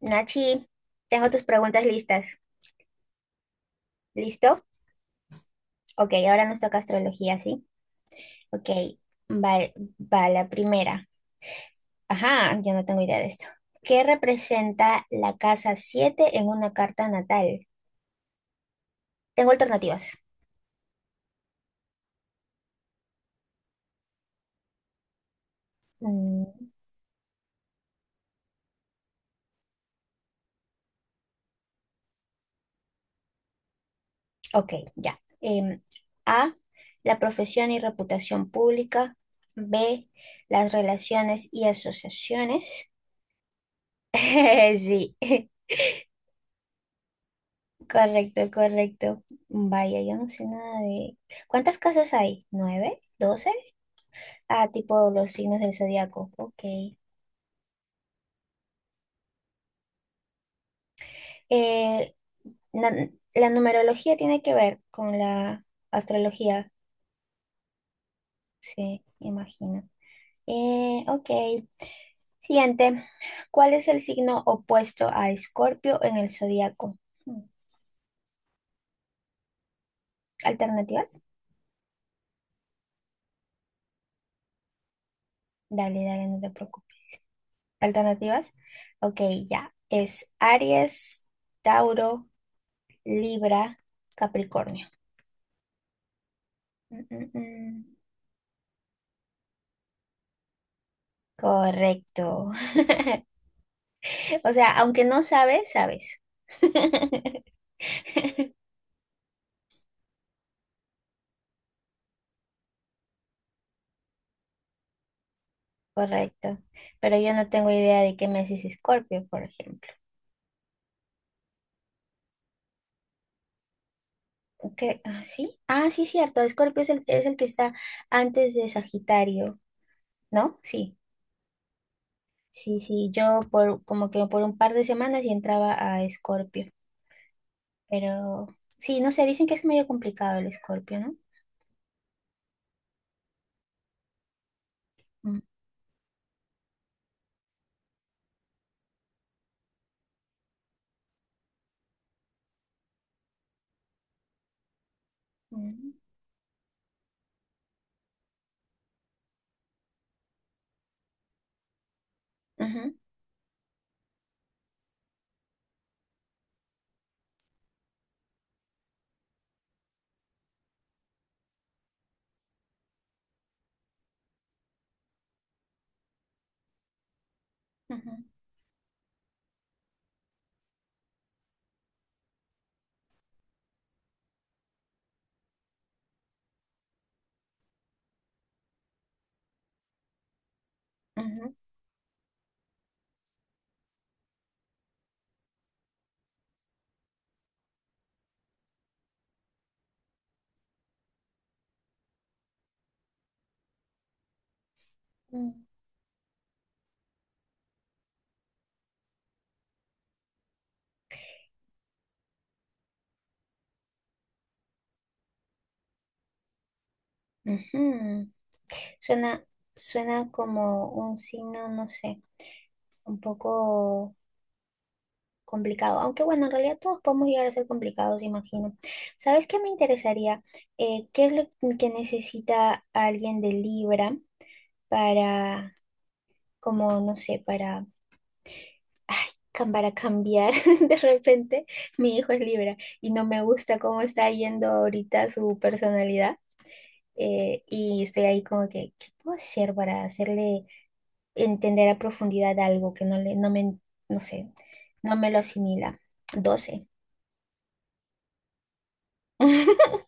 Nachi, tengo tus preguntas listas. ¿Listo? Ok, ahora nos toca astrología, ¿sí? Ok, va, va la primera. Ajá, yo no tengo idea de esto. ¿Qué representa la casa 7 en una carta natal? Tengo alternativas. Mm, ok, ya. A, la profesión y reputación pública. B, las relaciones y asociaciones. Sí. Correcto, correcto. Vaya, yo no sé nada de... ¿Cuántas casas hay? ¿9? ¿12? Ah, tipo los signos del zodiaco. Ok. Eh, na- la numerología tiene que ver con la astrología, sí, me imagino. Ok. Siguiente. ¿Cuál es el signo opuesto a Escorpio en el zodiaco? Hmm, ¿alternativas? Dale, dale, no te preocupes. ¿Alternativas? Ok, ya. Es Aries, Tauro. Libra, Capricornio. Mm, mm, mm. Correcto. O sea, aunque no sabes, sabes. Correcto. Pero yo no tengo idea de qué mes es Escorpio, por ejemplo. ¿Qué? Ah, ¿sí? Ah, sí, cierto. Escorpio es el que está antes de Sagitario, ¿no? Sí. Sí, sí. Yo por como que por un par de semanas y entraba a Escorpio. Pero sí, no sé, dicen que es medio complicado el Escorpio, ¿no? Mm, mm, ujú, ujú, ujú. Mm. Ujú. Suena, suena como un signo, no sé, un poco complicado. Aunque bueno, en realidad todos podemos llegar a ser complicados, imagino. ¿Sabes qué me interesaría? ¿Qué es lo que necesita alguien de Libra para, como, no sé, para, ay, para cambiar? De repente, mi hijo es Libra y no me gusta cómo está yendo ahorita su personalidad. Y estoy ahí como que, ¿qué puedo hacer para hacerle entender a profundidad algo que no me, no sé, no me lo asimila. 12.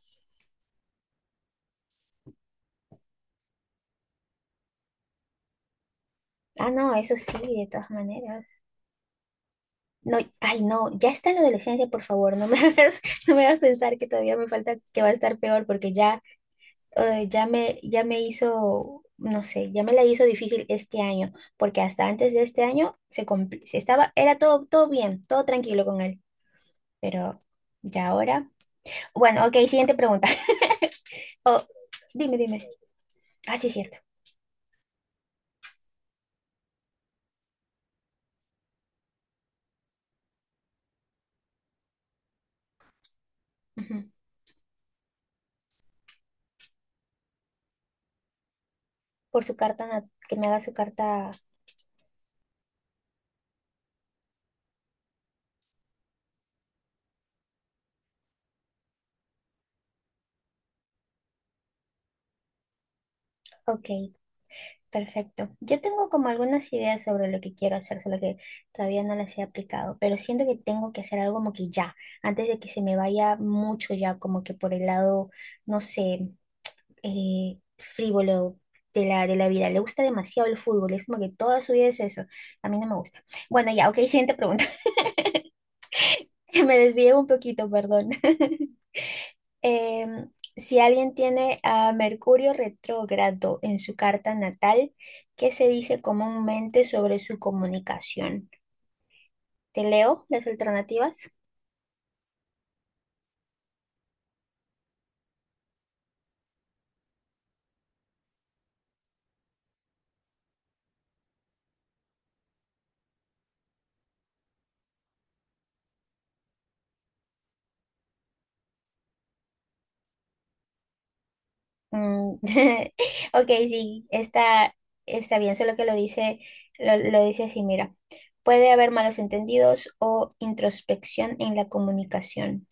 Ah, no, eso sí, de todas maneras. No, ay, no, ya está en la adolescencia, por favor, no me hagas, no me hagas pensar que todavía me falta, que va a estar peor, porque ya, ya me hizo, no sé, ya me la hizo difícil este año, porque hasta antes de este año se, se estaba, era todo, todo bien, todo tranquilo con él, pero ya ahora. Bueno, ok, siguiente pregunta. Oh, dime, dime. Ah, sí, cierto. Ujú. Por su carta, que me haga su carta. Ok, perfecto. Yo tengo como algunas ideas sobre lo que quiero hacer, solo que todavía no las he aplicado, pero siento que tengo que hacer algo como que ya, antes de que se me vaya mucho ya, como que por el lado, no sé, frívolo. De la vida, le gusta demasiado el fútbol, es como que toda su vida es eso, a mí no me gusta. Bueno, ya, ok, siguiente pregunta. Me desvié un poquito, perdón. Em, si alguien tiene a Mercurio retrógrado en su carta natal, ¿qué se dice comúnmente sobre su comunicación? ¿Te leo las alternativas? Mm. Ok, sí, está, está bien, solo que lo dice, lo dice así, mira. Puede haber malos entendidos o introspección en la comunicación.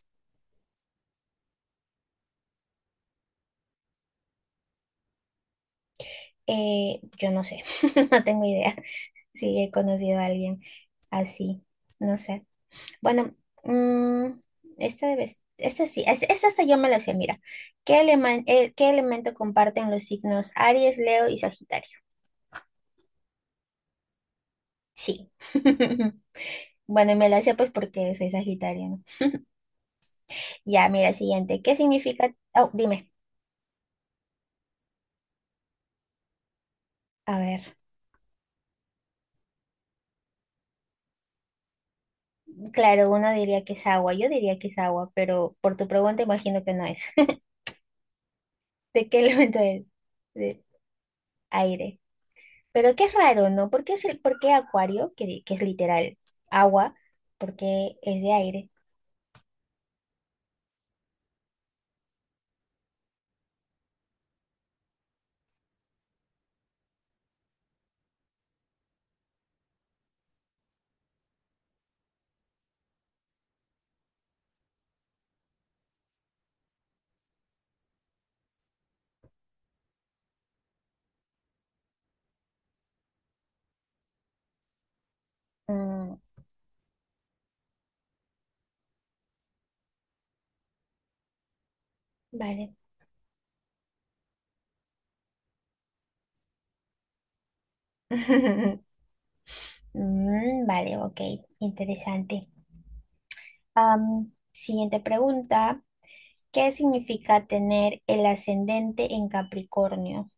Yo no sé, no tengo idea si he conocido a alguien así, no sé. Bueno, mm, esta sí, esta hasta yo me la sé, mira. ¿Qué qué elemento comparten los signos Aries, Leo y Sagitario? Sí. Bueno, y me la sé pues porque soy Sagitario, ¿no? Ya, mira, siguiente. ¿Qué significa? Oh, dime. A ver. Claro, uno diría que es agua, yo diría que es agua, pero por tu pregunta imagino que no es. ¿De qué elemento es? De aire. Pero qué es raro, ¿no? ¿Por qué es el, por qué acuario, que, que es literal agua, porque es de aire? Mm, vale. Mm, vale, ok, interesante. Am, siguiente pregunta. ¿Qué significa tener el ascendente en Capricornio?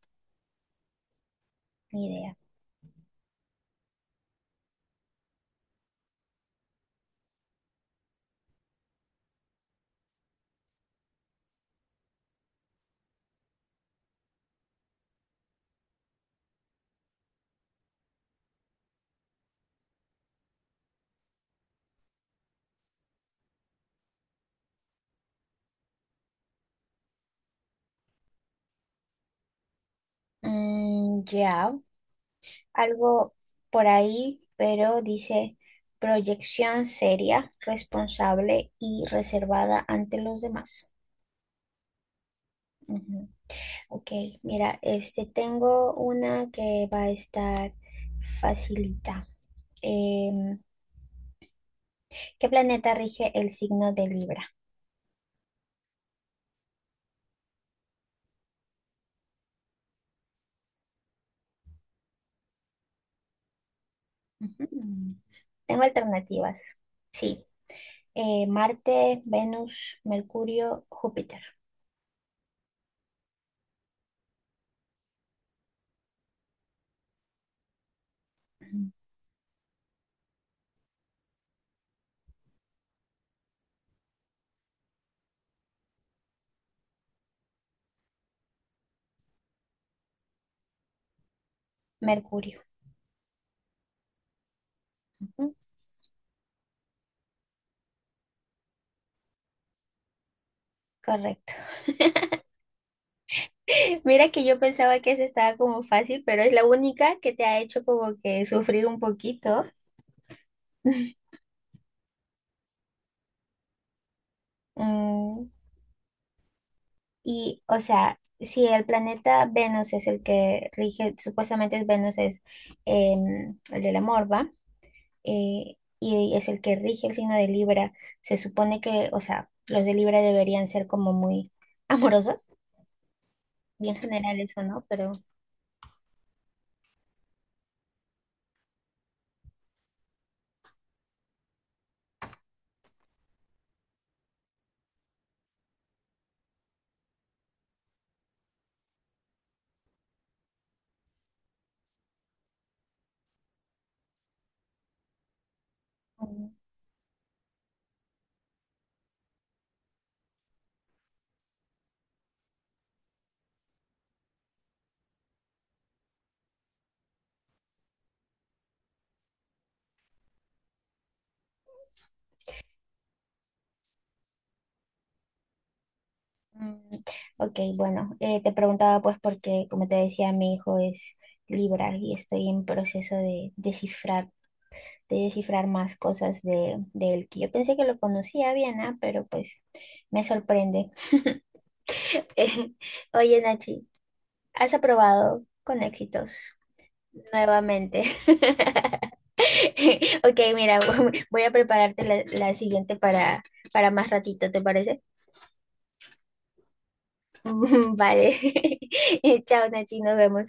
Ni idea. Mm, ya, algo por ahí, pero dice proyección seria, responsable y reservada ante los demás. Ujú. Ok, mira, este tengo una que va a estar facilita. Em, ¿Qué planeta rige el signo de Libra? Ujú. Tengo alternativas. Sí, Marte, Venus, Mercurio, Júpiter. Ujú. Mercurio. Ujú, correcto. Mira que yo pensaba que esa estaba como fácil, pero es la única que te ha hecho como que sufrir un poquito. Mm, y, o sea, si el planeta Venus es el que rige, supuestamente es Venus es el del amor, ¿va? Y es el que rige el signo de Libra, se supone que, o sea, los de Libra deberían ser como muy amorosos, bien general eso, ¿no? Pero, mm, mm, ok, bueno, te preguntaba pues porque, como te decía, mi hijo es Libra y estoy en proceso de descifrar más cosas de él, que yo pensé que lo conocía bien, ah, pero pues me sorprende. Oye, Nachi, has aprobado con éxitos nuevamente. Ok, mira, voy a prepararte la, la siguiente para más ratito, ¿te parece? Vale. Chao, Nachi, nos vemos.